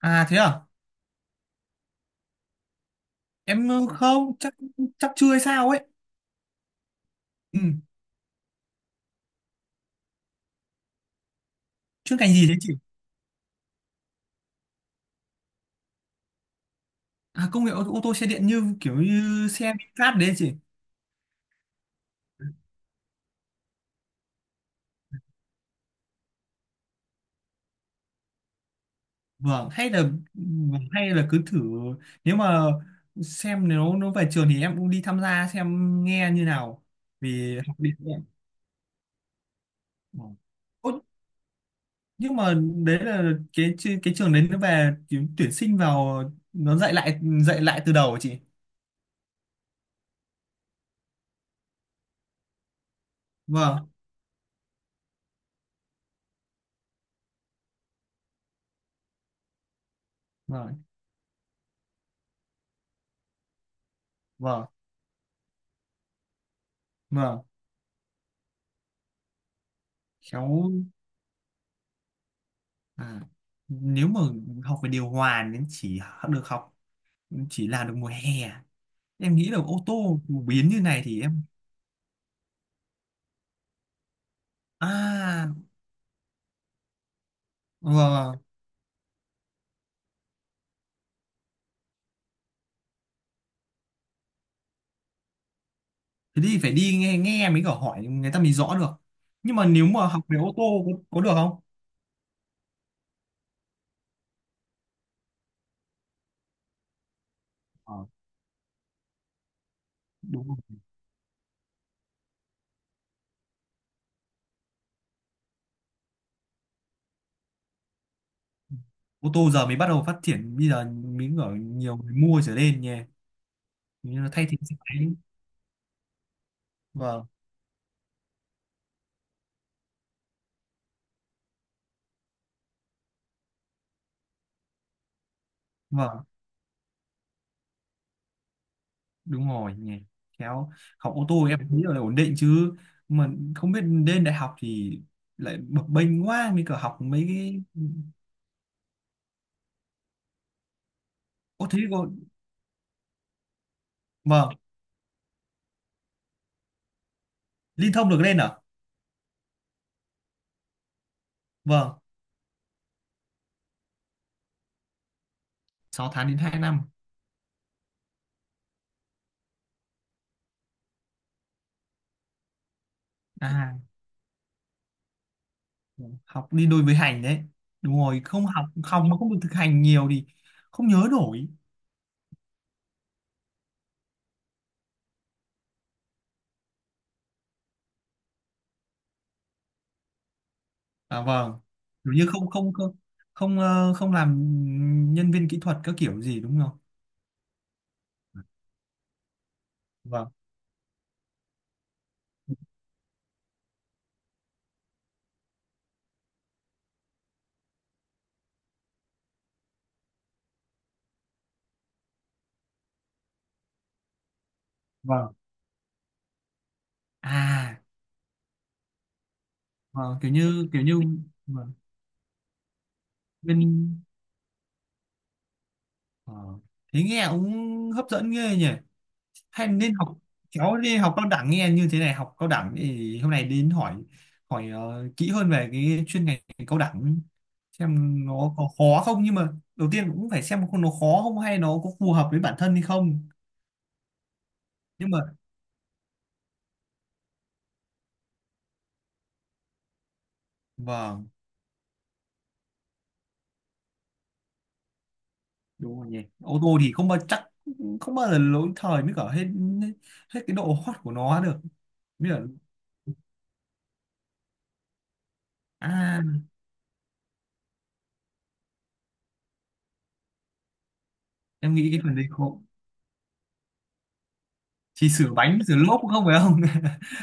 À thế à? Em không, chắc chắc chưa hay sao ấy. Ừ, chuyên ngành gì thế chị? À công nghệ ô tô xe điện như kiểu như xe VinFast đấy chị. Vâng, hay là vâng, hay là cứ thử nếu mà xem nếu nó về trường thì em cũng đi tham gia xem nghe như nào vì học điện em. Vâng. Ủa, nhưng mà đấy là cái cái trường đấy nó về tuyển tuyển sinh vào nó dạy lại từ đầu hả chị? Vâng, vâng, vâng, vâng. Khéo à, nếu mà học về điều hòa nên được học chỉ làm được mùa hè à? Em nghĩ là ô tô phổ biến như này thì em à ờ, thế thì phải đi nghe nghe mới có hỏi người ta mới rõ được, nhưng mà nếu mà học về ô tô có được không? Ờ, đúng rồi. Ô tô giờ mới bắt đầu phát triển, bây giờ mới ở nhiều người mua trở lên nhỉ. Như nó thay thế xe máy. Vâng, vâng. Đúng rồi nhỉ. Khéo học ô tô em nghĩ là ổn định chứ, mà không biết lên đại học thì lại bập bênh quá mới cả học mấy cái. Ô thế cô. Vâng, liên thông được lên à? Vâng, 6 tháng đến 2 năm. À, học đi đôi với hành đấy. Đúng rồi, không học học mà không được thực hành nhiều thì không nhớ nổi. À, vâng, kiểu như không, không, không, không không làm nhân viên kỹ thuật các kiểu gì đúng không? Vâng, vâng. À vâng, kiểu như vâng. Bên. Ờ. Thế nghe cũng hấp dẫn ghê nhỉ. Hay nên học, kéo đi học cao đẳng, nghe như thế này học cao đẳng thì hôm nay đến hỏi hỏi kỹ hơn về cái chuyên ngành cao đẳng, xem nó có khó không. Nhưng mà đầu tiên cũng phải xem nó khó không hay nó có phù hợp với bản thân hay không. Nhưng mà vâng, đúng rồi nhỉ. Ô tô thì không bao giờ lỗi thời mới cả hết hết cái độ hot của nó được. Mới cả- à em nghĩ cái phần đấy khó, chỉ sửa bánh sửa lốp cũng không phải không?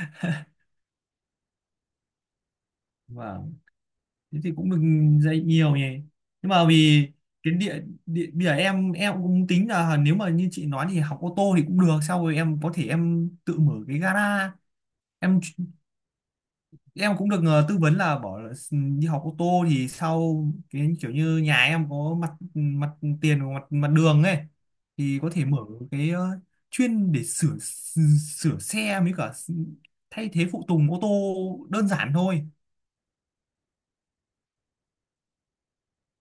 Vâng, thế thì cũng được, dạy nhiều nhỉ. Nhưng mà vì cái địa bây giờ em cũng tính là nếu mà như chị nói thì học ô tô thì cũng được, sau rồi em có thể em tự mở cái gara. Em em cũng được tư vấn là bỏ là s- đi học ô tô thì sau cái kiểu như nhà em có mặt mặt tiền và mặt mặt đường ấy, thì có thể mở cái chuyên để sửa sửa xe với cả thay thế phụ tùng ô tô đơn giản thôi.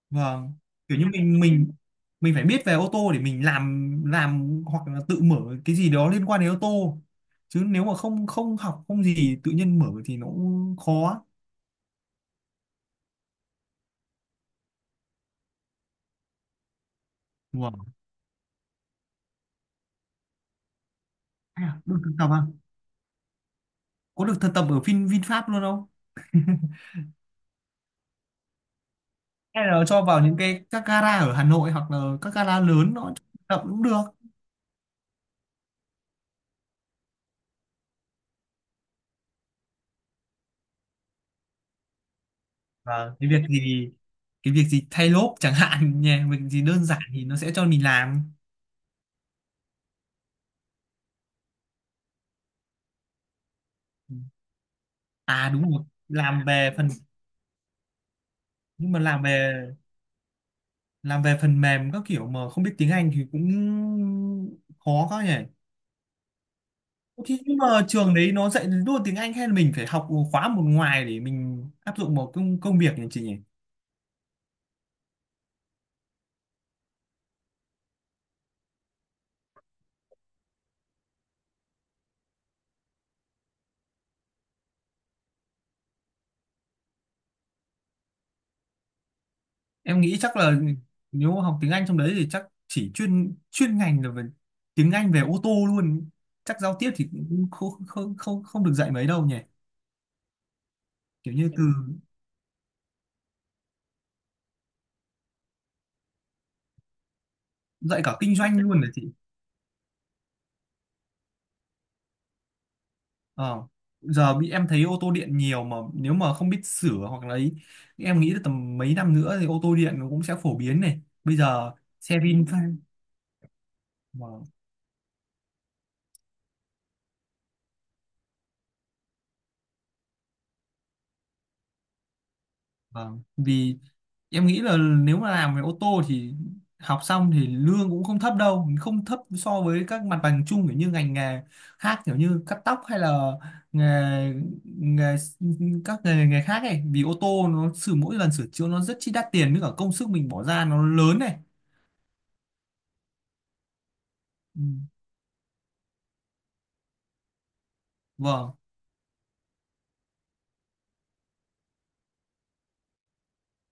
Vâng, kiểu như mình phải biết về ô tô để mình làm hoặc là tự mở cái gì đó liên quan đến ô tô. Chứ nếu mà không không học không gì tự nhiên mở thì nó cũng khó. Wow. À, được thực tập à? Có được thực tập ở VinFast luôn không? Hay là cho vào những cái các gara ở Hà Nội hoặc là các gara lớn nó cho thực tập cũng được. Và cái việc gì thay lốp chẳng hạn nhé, việc gì đơn giản thì nó sẽ cho mình làm. Ừ. À đúng rồi, làm về phần, nhưng mà làm về phần mềm các kiểu mà không biết tiếng Anh thì cũng khó quá nhỉ. Thì nhưng mà trường đấy nó dạy luôn tiếng Anh hay là mình phải học khóa một ngoài để mình áp dụng vào công công việc nhỉ chị nhỉ? Em nghĩ chắc là nếu mà học tiếng Anh trong đấy thì chắc chỉ chuyên chuyên ngành là về tiếng Anh về ô tô luôn, chắc giao tiếp thì cũng không không không không được dạy mấy đâu nhỉ. Kiểu như từ dạy cả kinh doanh luôn là chị. Ờ, giờ bị em thấy ô tô điện nhiều, mà nếu mà không biết sửa hoặc là ấy, em nghĩ là tầm mấy năm nữa thì ô tô điện nó cũng sẽ phổ biến này bây giờ. Xe Vin. Vâng, vâng. Vì em nghĩ là nếu mà làm về ô tô thì học xong thì lương cũng không thấp đâu, không thấp so với các mặt bằng chung kiểu như ngành nghề khác, kiểu như cắt tóc hay là nghề, nghề các nghề khác ấy, vì ô tô nó sửa mỗi lần sửa chữa nó rất chi đắt tiền với cả công sức mình bỏ ra nó lớn này. Ừ, vâng.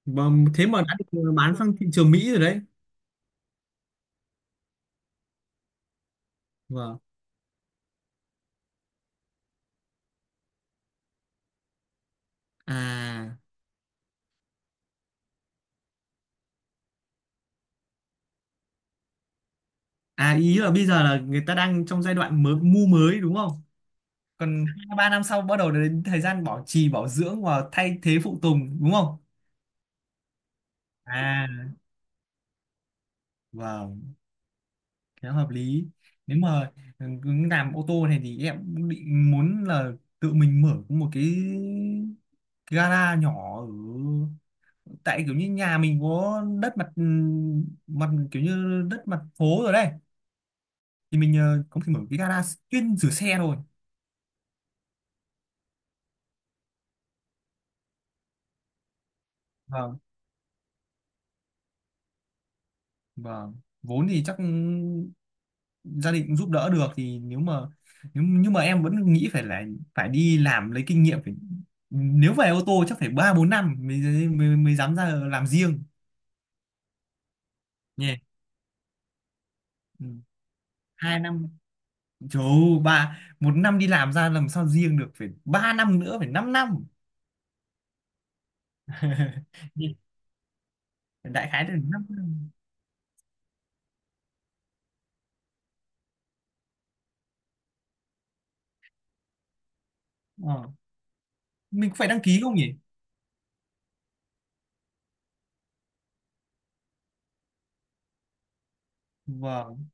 Vâng, thế mà đã được bán sang thị trường Mỹ rồi đấy. Vâng. À, à, ý là bây giờ là người ta đang trong giai đoạn mới, mới đúng không? Còn 2 3 năm sau bắt đầu đến thời gian bảo trì, bảo dưỡng và thay thế phụ tùng đúng không? À, vâng, khá hợp lý. Nếu mà cứ làm ô tô này thì em cũng định muốn là tự mình mở một cái gara nhỏ, ở tại kiểu như nhà mình có đất mặt mặt, kiểu như đất mặt phố rồi đấy, thì mình có thể mở cái gara chuyên sửa xe thôi. Vâng, vâng, vốn thì chắc gia đình cũng giúp đỡ được, thì nếu nhưng mà em vẫn nghĩ phải là phải đi làm lấy kinh nghiệm, phải, nếu về ô tô chắc phải 3-4 năm mới, mới mới dám ra làm riêng nhỉ. Ừ, 2 năm, trời ơi, ba một năm đi làm ra làm sao riêng được, phải 3 năm nữa, phải 5 năm. Nhỉ? Đại khái là 5 năm. Ờ, mình có phải đăng ký không nhỉ? Vâng,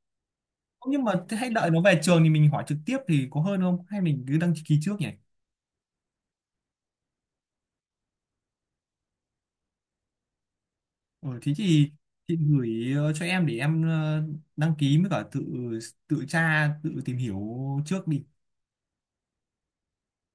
nhưng mà thế hãy đợi nó về trường thì mình hỏi trực tiếp thì có hơn không, hay mình cứ đăng ký trước nhỉ? Ừ, thế thì chị gửi cho em để em đăng ký, với cả tự tự tra tự tìm hiểu trước đi.